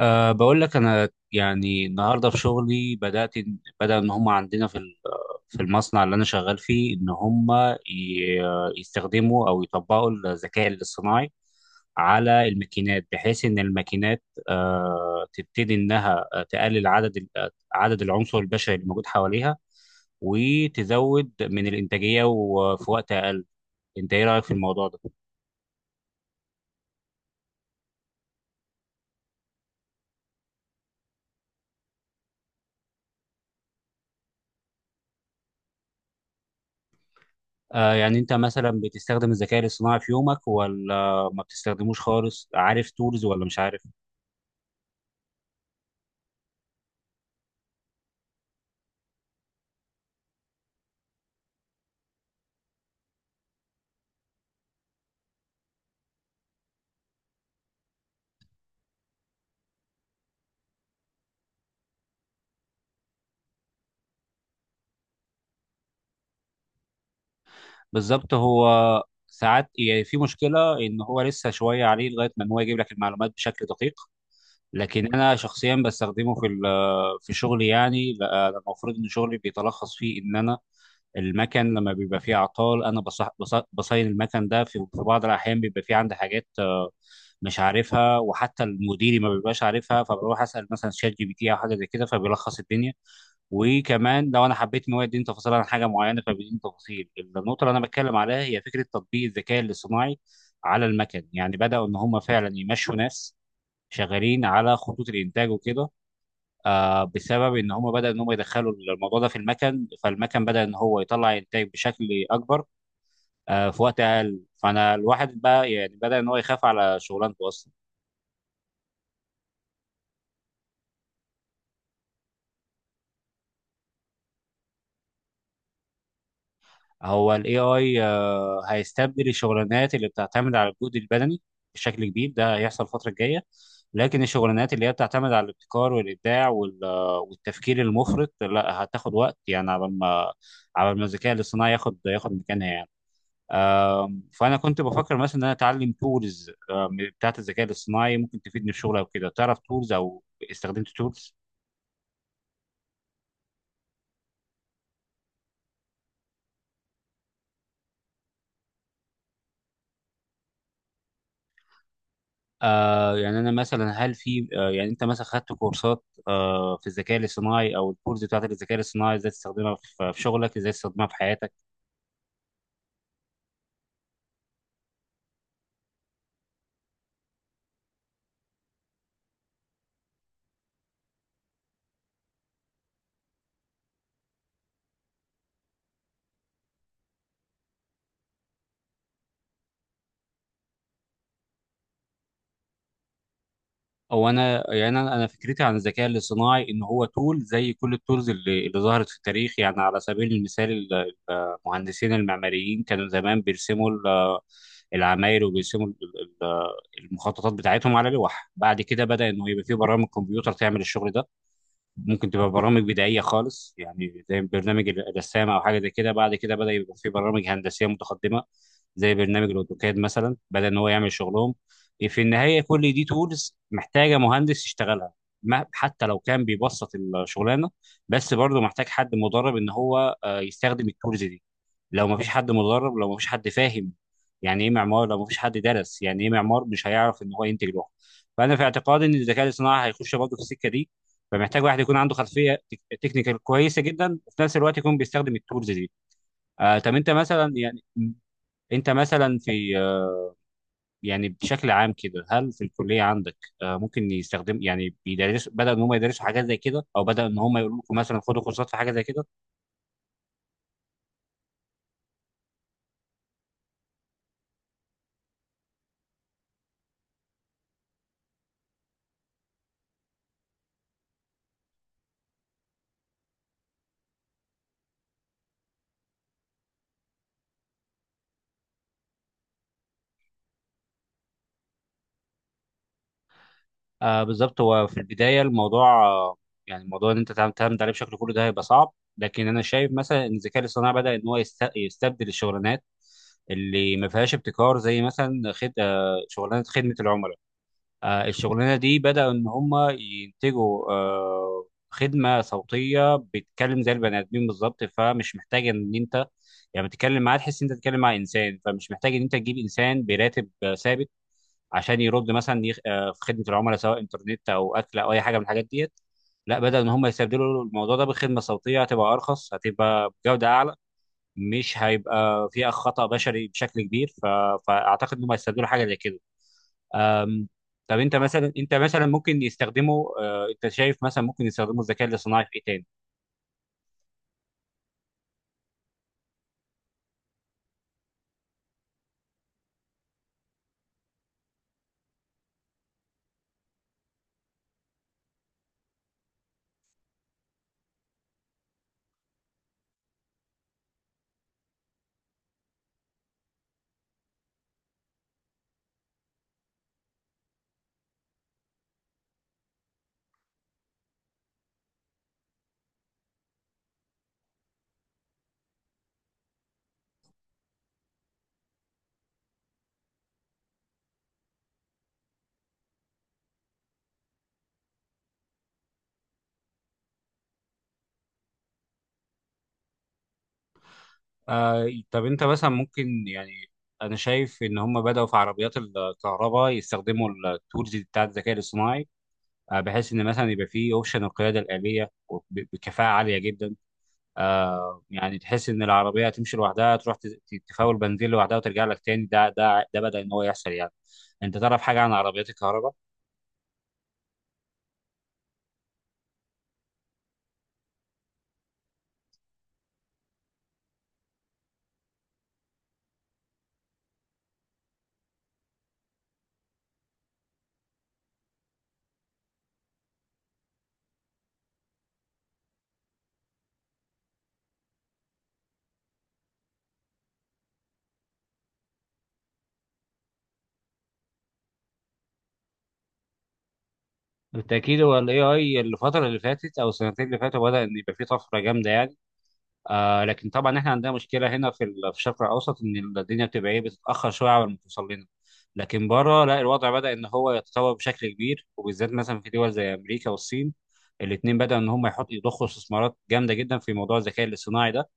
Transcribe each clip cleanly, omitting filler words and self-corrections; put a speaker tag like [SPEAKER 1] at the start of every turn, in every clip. [SPEAKER 1] بقول لك أنا يعني النهاردة في شغلي بدأ إن هم عندنا في المصنع اللي أنا شغال فيه إن هم يستخدموا أو يطبقوا الذكاء الاصطناعي على الماكينات بحيث إن الماكينات تبتدي إنها تقلل عدد العنصر البشري اللي موجود حواليها وتزود من الإنتاجية وفي وقت أقل. أنت إيه رأيك في الموضوع ده؟ يعني انت مثلا بتستخدم الذكاء الاصطناعي في يومك ولا ما بتستخدموش خالص، عارف تولز ولا مش عارف؟ بالظبط. هو ساعات يعني في مشكلة ان هو لسه شوية عليه لغاية ما ان هو يجيب لك المعلومات بشكل دقيق، لكن انا شخصيا بستخدمه في ال- آه، في شغلي يعني. أنا المفروض ان شغلي بيتلخص فيه ان انا المكن لما بيبقى فيه اعطال انا بصين المكن ده في بعض الاحيان بيبقى فيه عندي حاجات مش عارفها وحتى المديري ما بيبقاش عارفها، فبروح اسال مثلا شات جي بي تي او حاجه زي كده فبيلخص الدنيا. وكمان لو انا حبيت ان هو يديني تفاصيل عن حاجه معينه فبيديني تفاصيل. النقطه اللي انا بتكلم عليها هي فكره تطبيق الذكاء الاصطناعي على المكن يعني، بداوا ان هم فعلا يمشوا ناس شغالين على خطوط الانتاج وكده. بسبب ان هم بدأ ان هم يدخلوا الموضوع ده في المكن فالمكن بدأ ان هو يطلع انتاج بشكل اكبر في وقت اقل، فانا الواحد بقى يعني بدأ ان هو يخاف على شغلانته اصلا. هو ال AI هيستبدل الشغلانات اللي بتعتمد على الجهد البدني بشكل كبير، ده هيحصل الفترة الجاية. لكن الشغلانات اللي هي بتعتمد على الابتكار والإبداع والتفكير المفرط لا، هتاخد وقت يعني على ما الذكاء الاصطناعي ياخد مكانها يعني. فأنا كنت بفكر مثلا إن أنا أتعلم تولز بتاعت الذكاء الاصطناعي، ممكن تفيدني في الشغل أو كده. تعرف تولز أو استخدمت تولز؟ يعني انا مثلا، هل في آه يعني انت مثلا خدت كورسات في الذكاء الاصطناعي او الكورس بتاعتك الذكاء الاصطناعي ازاي تستخدمها في في شغلك ازاي تستخدمها في حياتك؟ او انا يعني أنا فكرتي عن الذكاء الاصطناعي ان هو تول زي كل التولز اللي ظهرت في التاريخ، يعني على سبيل المثال المهندسين المعماريين كانوا زمان بيرسموا العماير وبيرسموا ال- المخططات بتاعتهم على لوح، بعد كده بدأ انه يبقى في برامج كمبيوتر تعمل الشغل ده. ممكن تبقى برامج بدائية خالص يعني زي برنامج الرسام أو حاجة زي كده، بعد كده بدأ يبقى في برامج هندسية متقدمة زي برنامج الأوتوكاد مثلا بدأ إن هو يعمل شغلهم. إيه، في النهاية كل دي تولز محتاجة مهندس يشتغلها، ما حتى لو كان بيبسط الشغلانة، بس برضه محتاج حد مدرب إن هو يستخدم التولز دي. لو ما فيش حد مدرب، لو ما فيش حد فاهم يعني إيه معمار، لو ما فيش حد درس يعني إيه معمار، مش هيعرف إن هو ينتج لوحده. فأنا في اعتقادي إن الذكاء الاصطناعي هيخش برضه في السكة دي، فمحتاج واحد يكون عنده خلفيه تكنيكال كويسه جدا وفي نفس الوقت يكون بيستخدم التولز دي. طب انت مثلا يعني، انت مثلا في آه، يعني بشكل عام كده، هل في الكليه عندك ممكن يستخدم يعني بيدرسوا، بدأوا ان هم يدرسوا حاجات زي كده او بدأوا ان هم يقولوا لكم مثلا خدوا كورسات في حاجه زي كده؟ بالظبط. هو في البدايه الموضوع يعني الموضوع ان انت تعتمد عليه بشكل كله ده هيبقى صعب، لكن انا شايف مثلا ان الذكاء الاصطناعي بدأ ان هو يستبدل الشغلانات اللي ما فيهاش ابتكار، زي مثلا خد... آه، شغلانه خدمه العملاء. الشغلانه دي بداوا ان هم ينتجوا خدمه صوتيه بتتكلم زي البني ادمين بالظبط، فمش محتاج ان انت يعني بتتكلم معاه تحس ان انت بتتكلم مع انسان، فمش محتاج ان انت تجيب انسان براتب ثابت عشان يرد مثلا، في خدمه العملاء سواء انترنت او اكل او اي حاجه من الحاجات ديت، لا، بدأ ان هم يستبدلوا الموضوع ده بخدمه صوتيه هتبقى ارخص، هتبقى بجوده اعلى، مش هيبقى فيها خطأ بشري بشكل كبير. فاعتقد ان هم هيستبدلوا حاجه زي كده. طب انت مثلا، انت مثلا ممكن يستخدمه، انت شايف مثلا ممكن يستخدموا الذكاء الاصطناعي في ايه تاني؟ طب انت مثلا ممكن يعني، انا شايف ان هم بدأوا في عربيات الكهرباء يستخدموا التولز بتاعت الذكاء الاصطناعي، بحيث ان مثلا يبقى فيه اوبشن القيادة الآلية بكفاءة عالية جدا. يعني تحس ان العربية تمشي لوحدها، تروح تفاول بنزين لوحدها وترجع لك تاني، ده بدأ ان هو يحصل يعني. انت تعرف حاجة عن عربيات الكهرباء؟ بالتأكيد. هو ال AI الفترة اللي فاتت أو السنتين اللي فاتوا بدأ إن يبقى فيه طفرة جامدة يعني. لكن طبعا إحنا عندنا مشكلة هنا في الشرق الأوسط، إن الدنيا بتبقى إيه، بتتأخر شوية على ما توصل لنا، لكن بره لا، الوضع بدأ إن هو يتطور بشكل كبير، وبالذات مثلا في دول زي أمريكا والصين. الاتنين بدأوا إن هم يحطوا يضخوا استثمارات جامدة جدا في موضوع الذكاء الاصطناعي ده.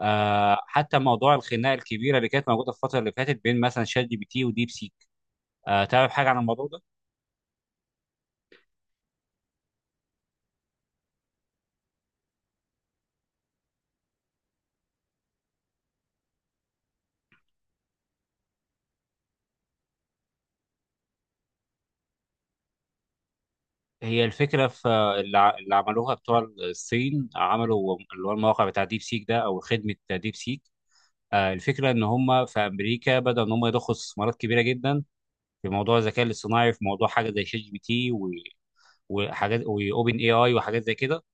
[SPEAKER 1] حتى موضوع الخناقة الكبيرة اللي كانت موجودة في الفترة اللي فاتت بين مثلا شات جي بي تي وديب سيك، تعرف حاجة عن الموضوع ده؟ هي الفكرة في اللي عملوها بتوع الصين، عملوا اللي هو الموقع بتاع ديب سيك ده أو خدمة ديب سيك. الفكرة إن هم في أمريكا بدأوا إن هم يضخوا استثمارات كبيرة جدا في موضوع الذكاء الاصطناعي، في موضوع حاجة زي شات جي بي تي وحاجات وأوبن اي آي وحاجات زي كده،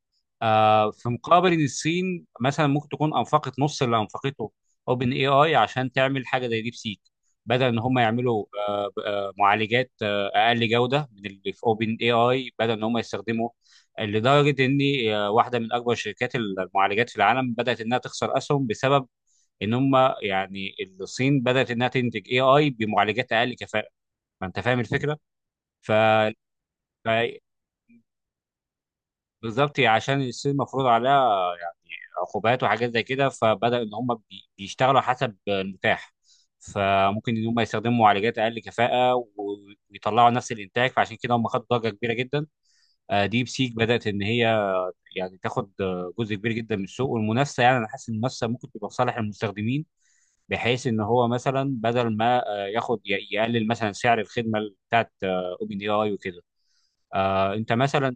[SPEAKER 1] في مقابل ان الصين مثلا ممكن تكون انفقت نص اللي انفقته اوبن اي اي عشان تعمل حاجه زي ديب سيك. بدل ان هم يعملوا معالجات اقل جوده من اللي في اوبن اي اي، بدل ان هم يستخدموا، لدرجه ان واحده من اكبر شركات المعالجات في العالم بدات انها تخسر اسهم بسبب ان هم يعني الصين بدات انها تنتج اي اي بمعالجات اقل كفاءه. ما انت فاهم الفكره. ف بالظبط. يعني عشان الصين مفروض عليها يعني عقوبات وحاجات زي كده، فبدأ ان هم بيشتغلوا حسب المتاح، فممكن ان هم يستخدموا معالجات اقل كفاءة ويطلعوا نفس الانتاج. فعشان كده هم خدوا ضجة كبيرة جدا. ديب سيك بدأت ان هي يعني تاخد جزء كبير جدا من السوق. والمنافسة يعني انا حاسس ان المنافسة ممكن تبقى في صالح المستخدمين، بحيث ان هو مثلا بدل ما يقلل مثلا سعر الخدمة بتاعت اوبن اي اي وكده. انت مثلا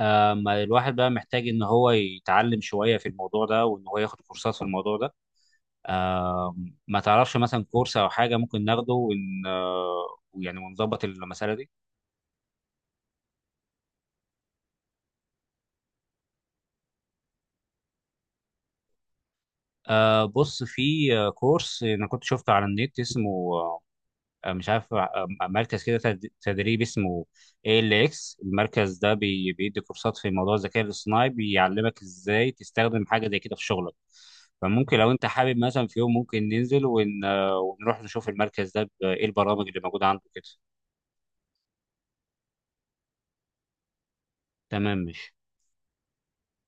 [SPEAKER 1] ما الواحد بقى محتاج ان هو يتعلم شويه في الموضوع ده وان هو ياخد كورسات في الموضوع ده. آه، ما تعرفش مثلا كورس او حاجه ممكن ناخده ون آه، يعني ونظبط المساله دي؟ بص، في كورس انا كنت شفته على النت اسمه، مش عارف، مركز كده تدريب اسمه ALX. المركز ده بيدي كورسات في موضوع الذكاء الاصطناعي، بيعلمك ازاي تستخدم حاجة زي كده في شغلك. فممكن لو انت حابب مثلا في يوم ممكن ننزل، ون... آه، ونروح نشوف المركز ده ايه البرامج اللي موجودة عنده كده. تمام، ماشي.